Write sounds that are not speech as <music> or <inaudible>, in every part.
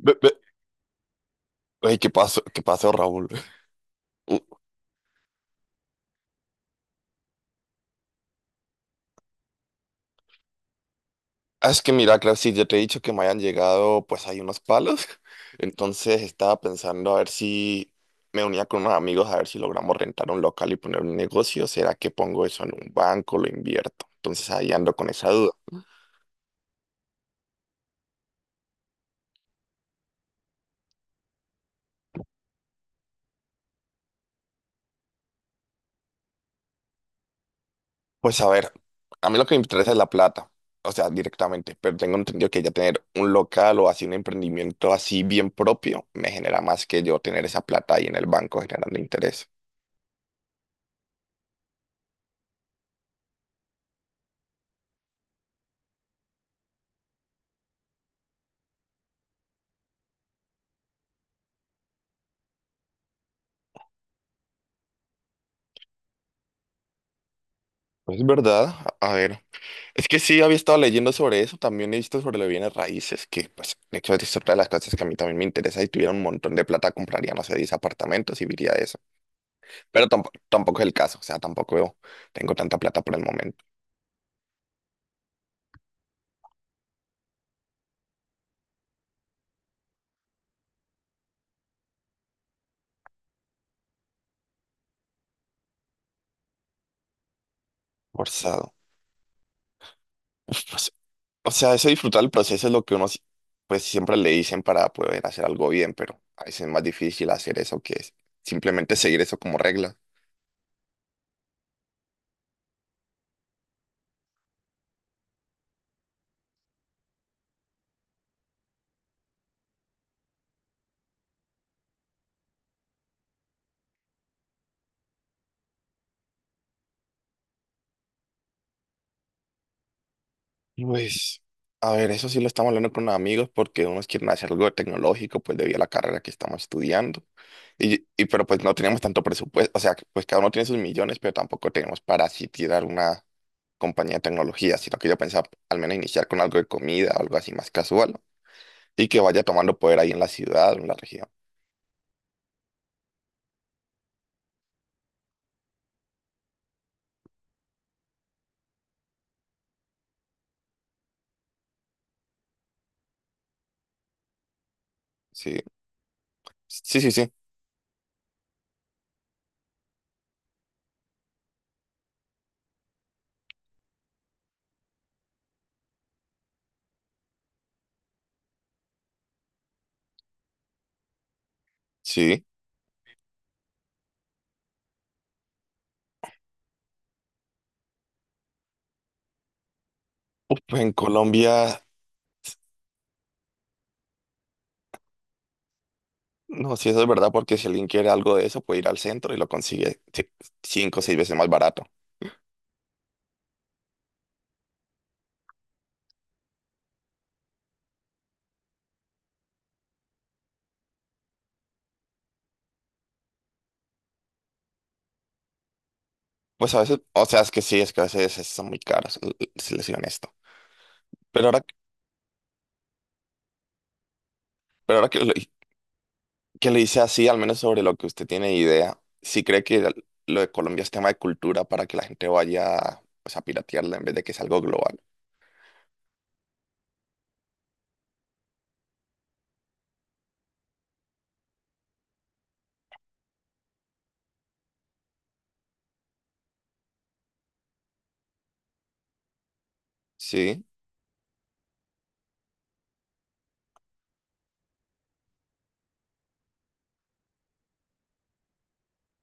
Ve- ve- Ey, ¿qué pasó? ¿Qué pasó, Raúl? Uh, Es que mira, claro, si ya te he dicho que me hayan llegado, pues hay unos palos. <laughs> Entonces estaba pensando a ver si me unía con unos amigos, a ver si logramos rentar un local y poner un negocio. ¿Será que pongo eso en un banco, lo invierto? Entonces ahí ando con esa duda. Pues a ver, a mí lo que me interesa es la plata, o sea, directamente, pero tengo entendido que ya tener un local o así un emprendimiento así bien propio me genera más que yo tener esa plata ahí en el banco generando interés. Pues es verdad, a ver. Es que sí, había estado leyendo sobre eso, también he visto sobre los bienes raíces, que pues de hecho es otra de las cosas que a mí también me interesa, y tuviera un montón de plata, compraría, no sé, 10 apartamentos y viviría de eso. Pero tampoco, tampoco es el caso, o sea, tampoco tengo tanta plata por el momento, forzado. Uf, pues, o sea, eso disfrutar el proceso es lo que uno si- pues siempre le dicen para poder hacer algo bien, pero a veces es más difícil hacer eso que es simplemente seguir eso como regla. Pues, a ver, eso sí lo estamos hablando con amigos porque unos quieren hacer algo tecnológico, pues debido a la carrera que estamos estudiando. Y pero pues no tenemos tanto presupuesto, o sea, pues cada uno tiene sus millones, pero tampoco tenemos para así tirar una compañía de tecnología, sino que yo pensaba al menos iniciar con algo de comida, algo así más casual, ¿no? Y que vaya tomando poder ahí en la ciudad o en la región. Sí, sí, sí, sí, sí. Uf, pues en Colombia, no, sí, eso es verdad, porque si alguien quiere algo de eso, puede ir al centro y lo consigue sí, cinco o seis veces más barato. Pues a veces, o sea, es que sí, es que a veces son muy caras, si les soy honesto. Pero ahora, pero ahora que, lo, que le hice así, al menos sobre lo que usted tiene idea, sí cree que lo de Colombia es tema de cultura para que la gente vaya pues, a piratearla en vez de que es algo global. Sí.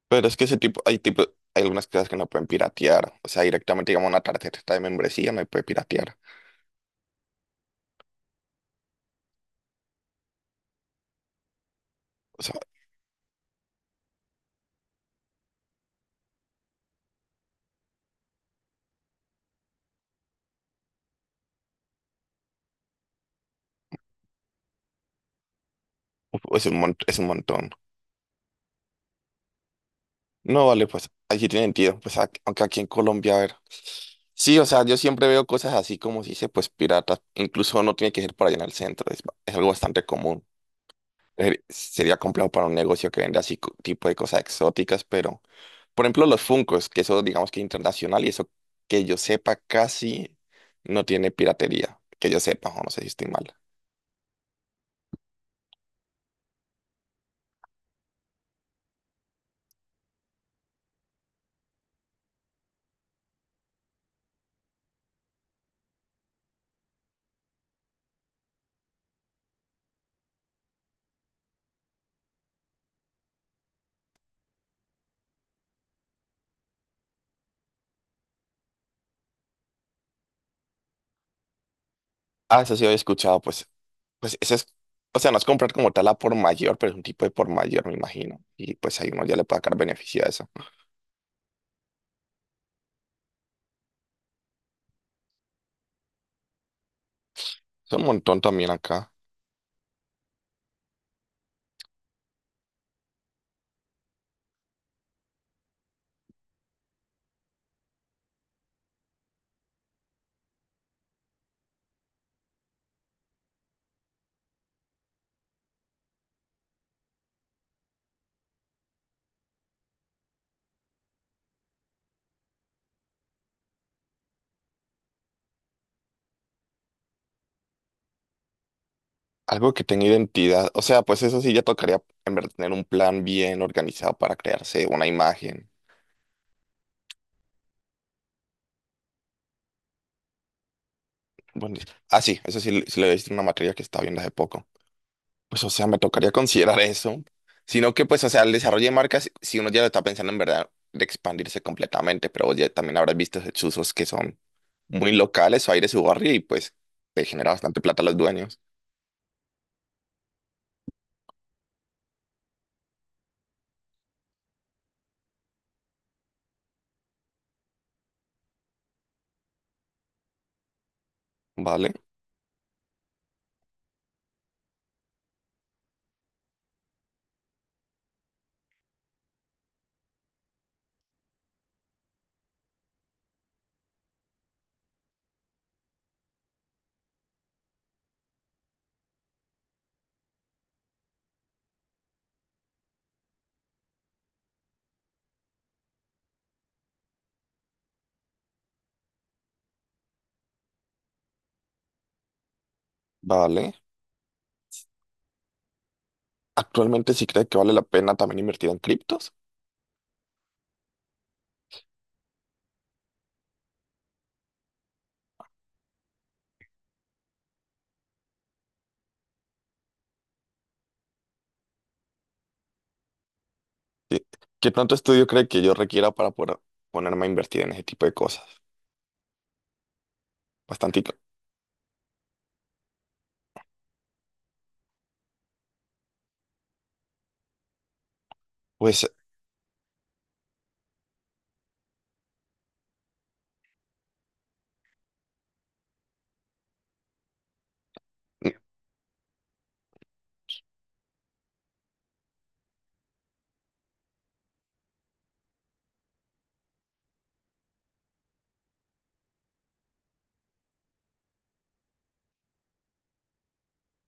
Pero es que ese tipo, hay algunas cosas que no pueden piratear. O sea, directamente, digamos, una tarjeta de membresía no puede piratear. O sea, es un montón. No, vale, pues allí tiene sentido. Pues aunque aquí en Colombia, a ver. Sí, o sea, yo siempre veo cosas así como si dice, pues piratas. Incluso no tiene que ser por allá en el centro. Es, es algo bastante común. Sería complejo para un negocio que vende así tipo de cosas exóticas, pero. Por ejemplo, los Funkos, que eso digamos que es internacional y eso que yo sepa casi no tiene piratería, que yo sepa, o no sé si estoy mal. Ah, eso sí había escuchado, pues, pues ese es, o sea, no es comprar como tal a por mayor, pero es un tipo de por mayor, me imagino. Y pues ahí uno ya le puede sacar beneficio a eso. Es un montón también acá. Algo que tenga identidad, o sea, pues eso sí ya tocaría en verdad tener un plan bien organizado para crearse una imagen. Bueno, ah, sí, eso sí, sí lo he visto en una materia que estaba viendo hace poco. Pues, o sea, me tocaría considerar eso. Sino que, pues, o sea, el desarrollo de marcas, si uno ya lo está pensando en verdad de expandirse completamente, pero vos ya también habrás visto esos usos que son muy locales o hay de su barrio y pues te genera bastante plata a los dueños. Vale, vale. Actualmente sí cree que vale la pena también invertir en criptos. ¿Qué, qué tanto estudio cree que yo requiera para poder ponerme a invertir en ese tipo de cosas? Bastantito. Pues, mm,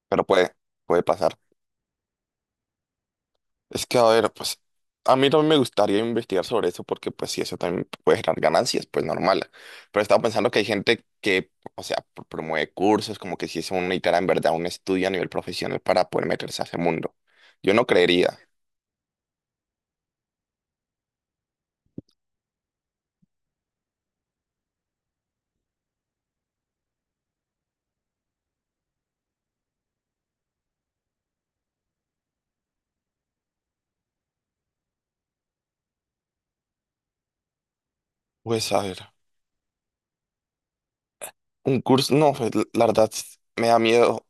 pero puede, puede pasar. Es que, a ver, pues a mí también me gustaría investigar sobre eso porque pues sí, eso también puede generar ganancias, pues normal. Pero estaba pensando que hay gente que, o sea, promueve cursos, como que si es una necesitara en verdad un estudio a nivel profesional para poder meterse a ese mundo. Yo no creería. Pues a ver, un curso, no, pues, la verdad me da miedo.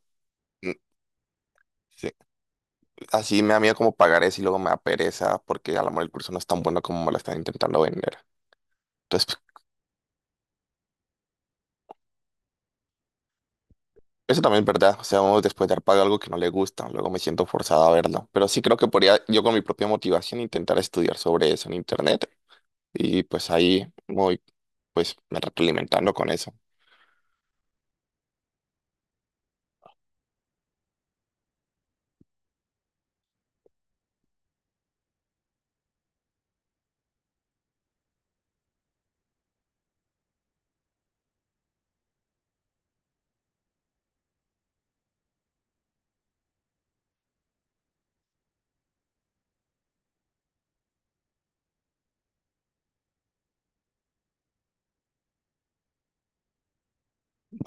Mm, sí, así me da miedo como pagar eso y luego me da pereza porque a lo mejor el curso no es tan bueno como me lo están intentando vender. Entonces eso también es verdad, o sea, uno después de dar pago algo que no le gusta, luego me siento forzado a verlo, pero sí creo que podría yo con mi propia motivación intentar estudiar sobre eso en internet y pues ahí voy pues me retroalimentando con eso.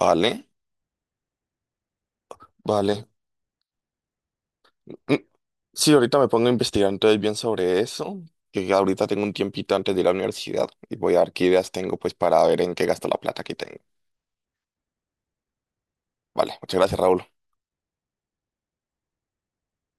Vale, vale. Mm, sí, ahorita me pongo a investigar entonces bien sobre eso, que ya ahorita tengo un tiempito antes de ir a la universidad y voy a ver qué ideas tengo pues para ver en qué gasto la plata que tengo. Vale, muchas gracias, Raúl.